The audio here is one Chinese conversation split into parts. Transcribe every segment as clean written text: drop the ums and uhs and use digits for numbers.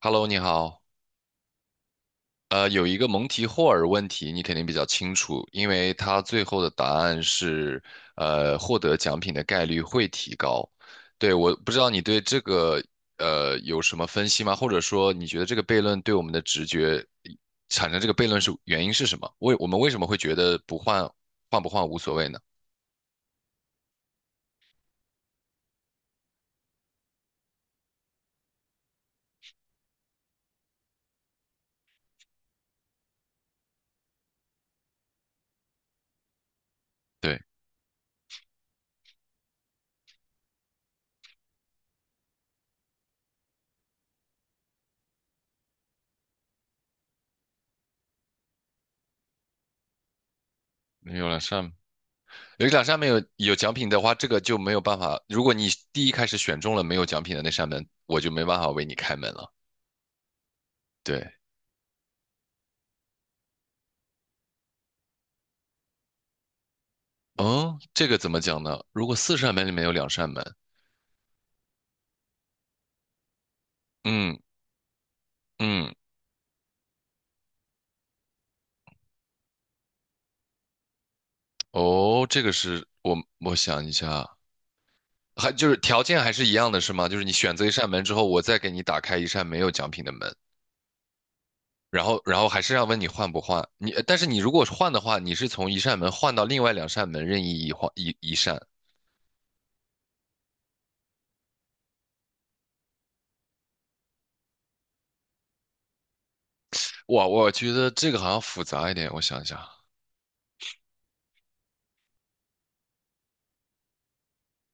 Hello，你好。有一个蒙提霍尔问题，你肯定比较清楚，因为它最后的答案是，获得奖品的概率会提高。对，我不知道你对这个有什么分析吗？或者说，你觉得这个悖论对我们的直觉产生这个悖论是原因是什么？为我们为什么会觉得不换，换不换无所谓呢？对，有两扇，有两扇没有有奖品的话，这个就没有办法。如果你第一开始选中了没有奖品的那扇门，我就没办法为你开门了。对，哦，这个怎么讲呢？如果四扇门里面有两扇门，嗯嗯，哦，这个是我想一下，还就是条件还是一样的是吗？就是你选择一扇门之后，我再给你打开一扇没有奖品的门，然后还是要问你换不换？你但是你如果换的话，你是从一扇门换到另外两扇门任意一换一一扇。哇，我觉得这个好像复杂一点，我想想，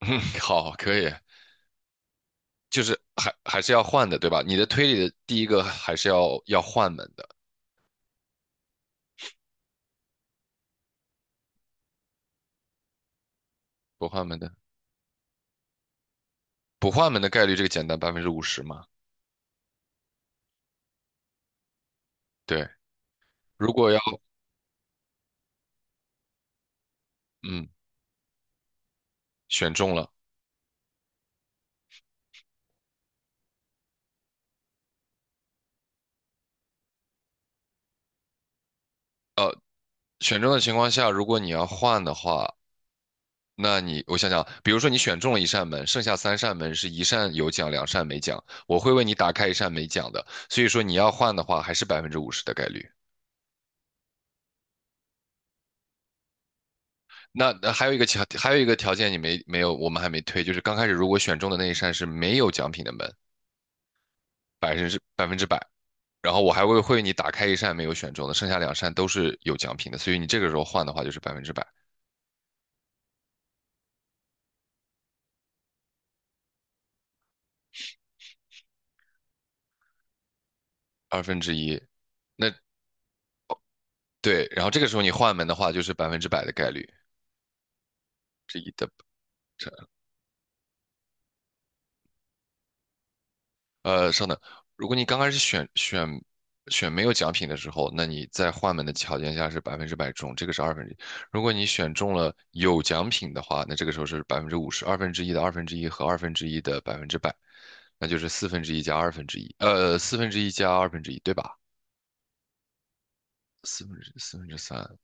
嗯，好，可以，就是还还是要换的，对吧？你的推理的第一个还是要换门的，不换门的。不换门的概率这个简单，百分之五十嘛。对，如果要嗯选中了，选中的情况下，如果你要换的话，那你我想想，比如说你选中了一扇门，剩下三扇门是一扇有奖，两扇没奖，我会为你打开一扇没奖的，所以说你要换的话，还是百分之五十的概率。那那还有一个条，还有一个条件你没有，我们还没推，就是刚开始如果选中的那一扇是没有奖品的门，百分之百，然后我还会你打开一扇没有选中的，剩下两扇都是有奖品的，所以你这个时候换的话就是百分之百，二分之一。那对，然后这个时候你换门的话就是百分之百的概率。稍等，如果你刚开始选没有奖品的时候，那你在换门的条件下是百分之百中，这个是二分之一。如果你选中了有奖品的话，那这个时候是百分之五十，二分之一的二分之一和二分之一的百分之百，那就是四分之一加二分之一，四分之一加二分之一，对吧？四分之三，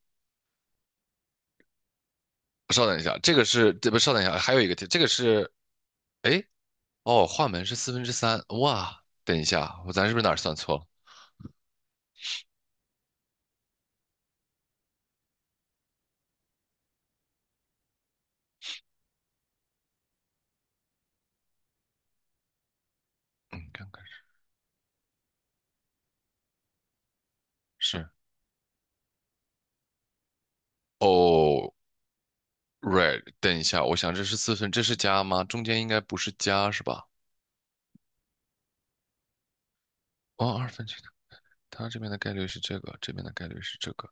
稍等一下，这个是，这不，稍等一下，还有一个题，这个是，哎，哦，换门是四分之三，哇，等一下，我咱是不是哪儿算错了？嗯，看看是，哦，right，等一下，我想这是四分，这是加吗？中间应该不是加是吧？哦，二分之一，它这边的概率是这个，这边的概率是这个，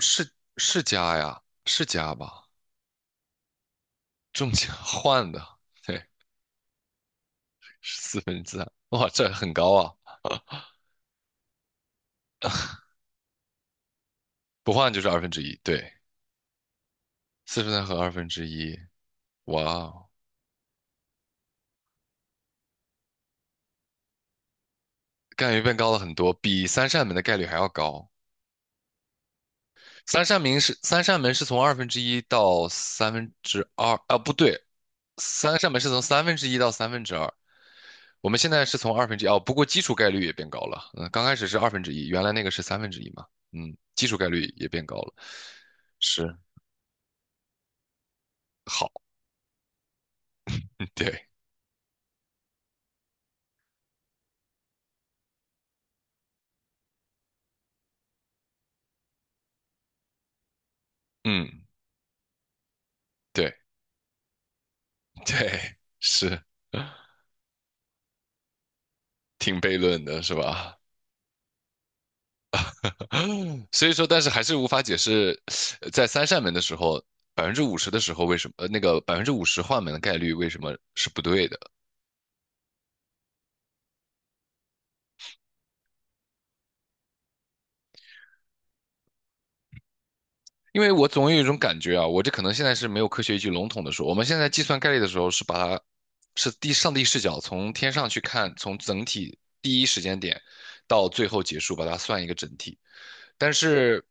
是是加呀，是加吧？中间换的，对，是四分之三，哇，这很高啊，不换就是二分之一，对，四分之三和二分之一，哇哦。概率变高了很多，比三扇门的概率还要高。三扇门是三扇门是从二分之一到三分之二啊，不对，三扇门是从三分之一到三分之二。我们现在是从二分之一哦，不过基础概率也变高了。嗯，刚开始是二分之一，原来那个是三分之一嘛。嗯，基础概率也变高了。是，好，对，嗯，对。 对，是，挺悖论的，是吧？所以说，但是还是无法解释，在三扇门的时候，百分之五十的时候为什么，那个百分之五十换门的概率为什么是不对的？因为我总有一种感觉啊，我这可能现在是没有科学依据，笼统的说，我们现在计算概率的时候是把它是第上帝视角，从天上去看，从整体第一时间点到最后结束，把它算一个整体。但是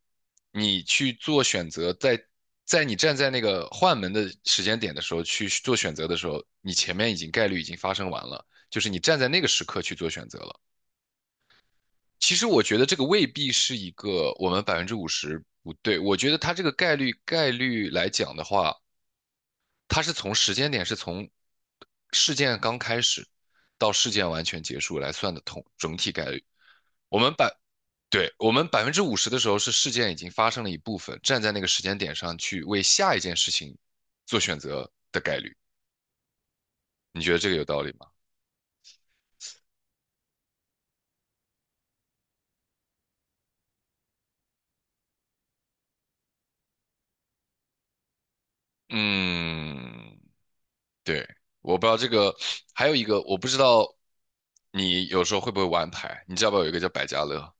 你去做选择，在你站在那个换门的时间点的时候去做选择的时候，你前面已经概率已经发生完了，就是你站在那个时刻去做选择了。其实我觉得这个未必是一个我们百分之五十不对，我觉得它这个概率概率来讲的话，它是从时间点是从事件刚开始到事件完全结束来算的统整体概率。我们百，对，我们百分之五十的时候是事件已经发生了一部分，站在那个时间点上去为下一件事情做选择的概率。你觉得这个有道理吗？嗯，对，我不知道这个，还有一个我不知道，你有时候会不会玩牌？你知道不知道有一个叫百家乐？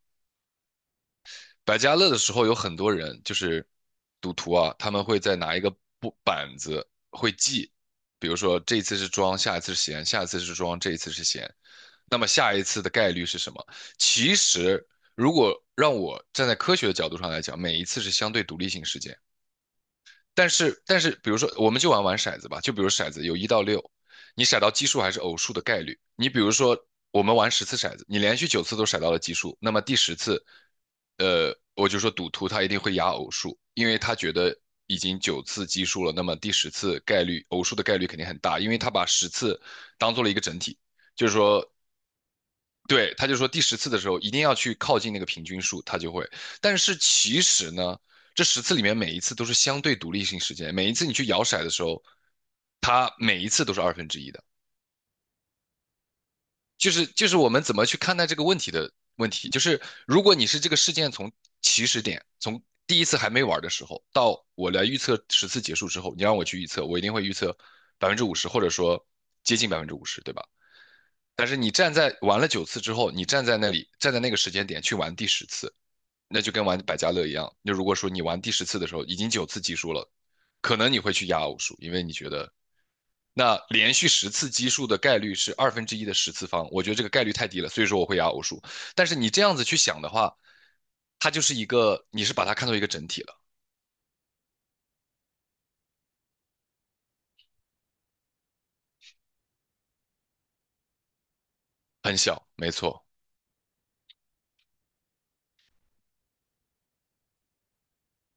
百家乐的时候有很多人就是赌徒啊，他们会在拿一个布板子会记，比如说这一次是庄，下一次是闲，下一次是庄，这一次是闲，那么下一次的概率是什么？其实如果让我站在科学的角度上来讲，每一次是相对独立性事件。但是但是，比如说，我们就玩玩骰子吧，就比如骰子有一到六，你骰到奇数还是偶数的概率。你比如说，我们玩十次骰子，你连续九次都骰到了奇数，那么第十次，我就说赌徒他一定会压偶数，因为他觉得已经九次奇数了，那么第十次概率偶数的概率肯定很大，因为他把十次当做了一个整体，就是说对，他就说第十次的时候一定要去靠近那个平均数，他就会。但是其实呢，这十次里面每一次都是相对独立性事件，每一次你去摇骰的时候，它每一次都是二分之一的。就是就是我们怎么去看待这个问题的问题，就是如果你是这个事件从起始点，从第一次还没玩的时候到我来预测十次结束之后，你让我去预测，我一定会预测百分之五十，或者说接近百分之五十，对吧？但是你站在玩了九次之后，你站在那里，站在那个时间点去玩第十次，那就跟玩百家乐一样。就如果说你玩第十次的时候已经九次奇数了，可能你会去压偶数，因为你觉得那连续十次奇数的概率是二分之一的十次方，我觉得这个概率太低了，所以说我会压偶数。但是你这样子去想的话，它就是一个，你是把它看作一个整体了，很小，没错，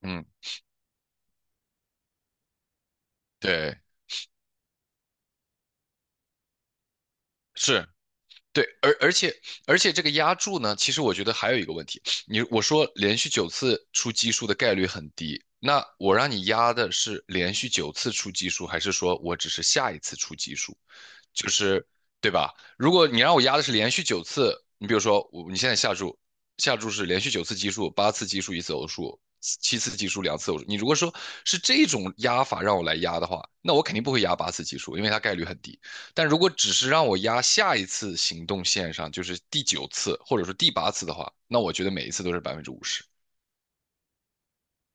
嗯，对，是。对，而且这个压注呢，其实我觉得还有一个问题，你我说连续九次出奇数的概率很低，那我让你压的是连续九次出奇数，还是说我只是下一次出奇数？就是对吧？如果你让我压的是连续九次，你比如说我你现在下注，下注是连续九次奇数，八次奇数一次偶数，七次奇数两次偶数。你如果说是这种压法让我来压的话，那我肯定不会压八次奇数，因为它概率很低。但如果只是让我压下一次行动线上，就是第九次或者说第八次的话，那我觉得每一次都是百分之五十，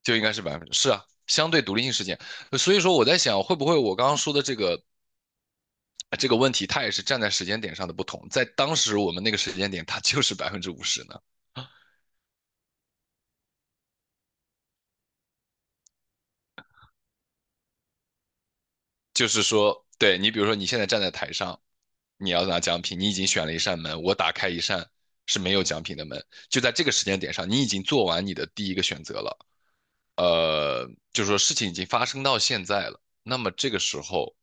就应该是百分之，是啊，相对独立性事件。所以说我在想，会不会我刚刚说的这个这个问题它也是站在时间点上的不同，在当时我们那个时间点，它就是百分之五十呢。就是说，对你比如说你现在站在台上，你要拿奖品，你已经选了一扇门，我打开一扇是没有奖品的门，就在这个时间点上，你已经做完你的第一个选择了。就是说事情已经发生到现在了，那么这个时候，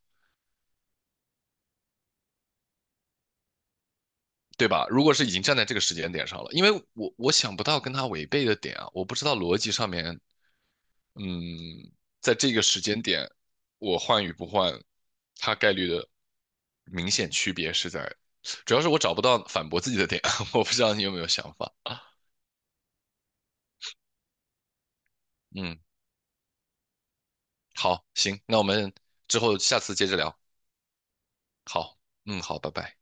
对吧？如果是已经站在这个时间点上了，因为我想不到跟他违背的点啊，我不知道逻辑上面嗯，在这个时间点，我换与不换，它概率的明显区别是在，主要是我找不到反驳自己的点，我不知道你有没有想法。嗯，好，行，那我们之后下次接着聊。好，嗯，好，拜拜。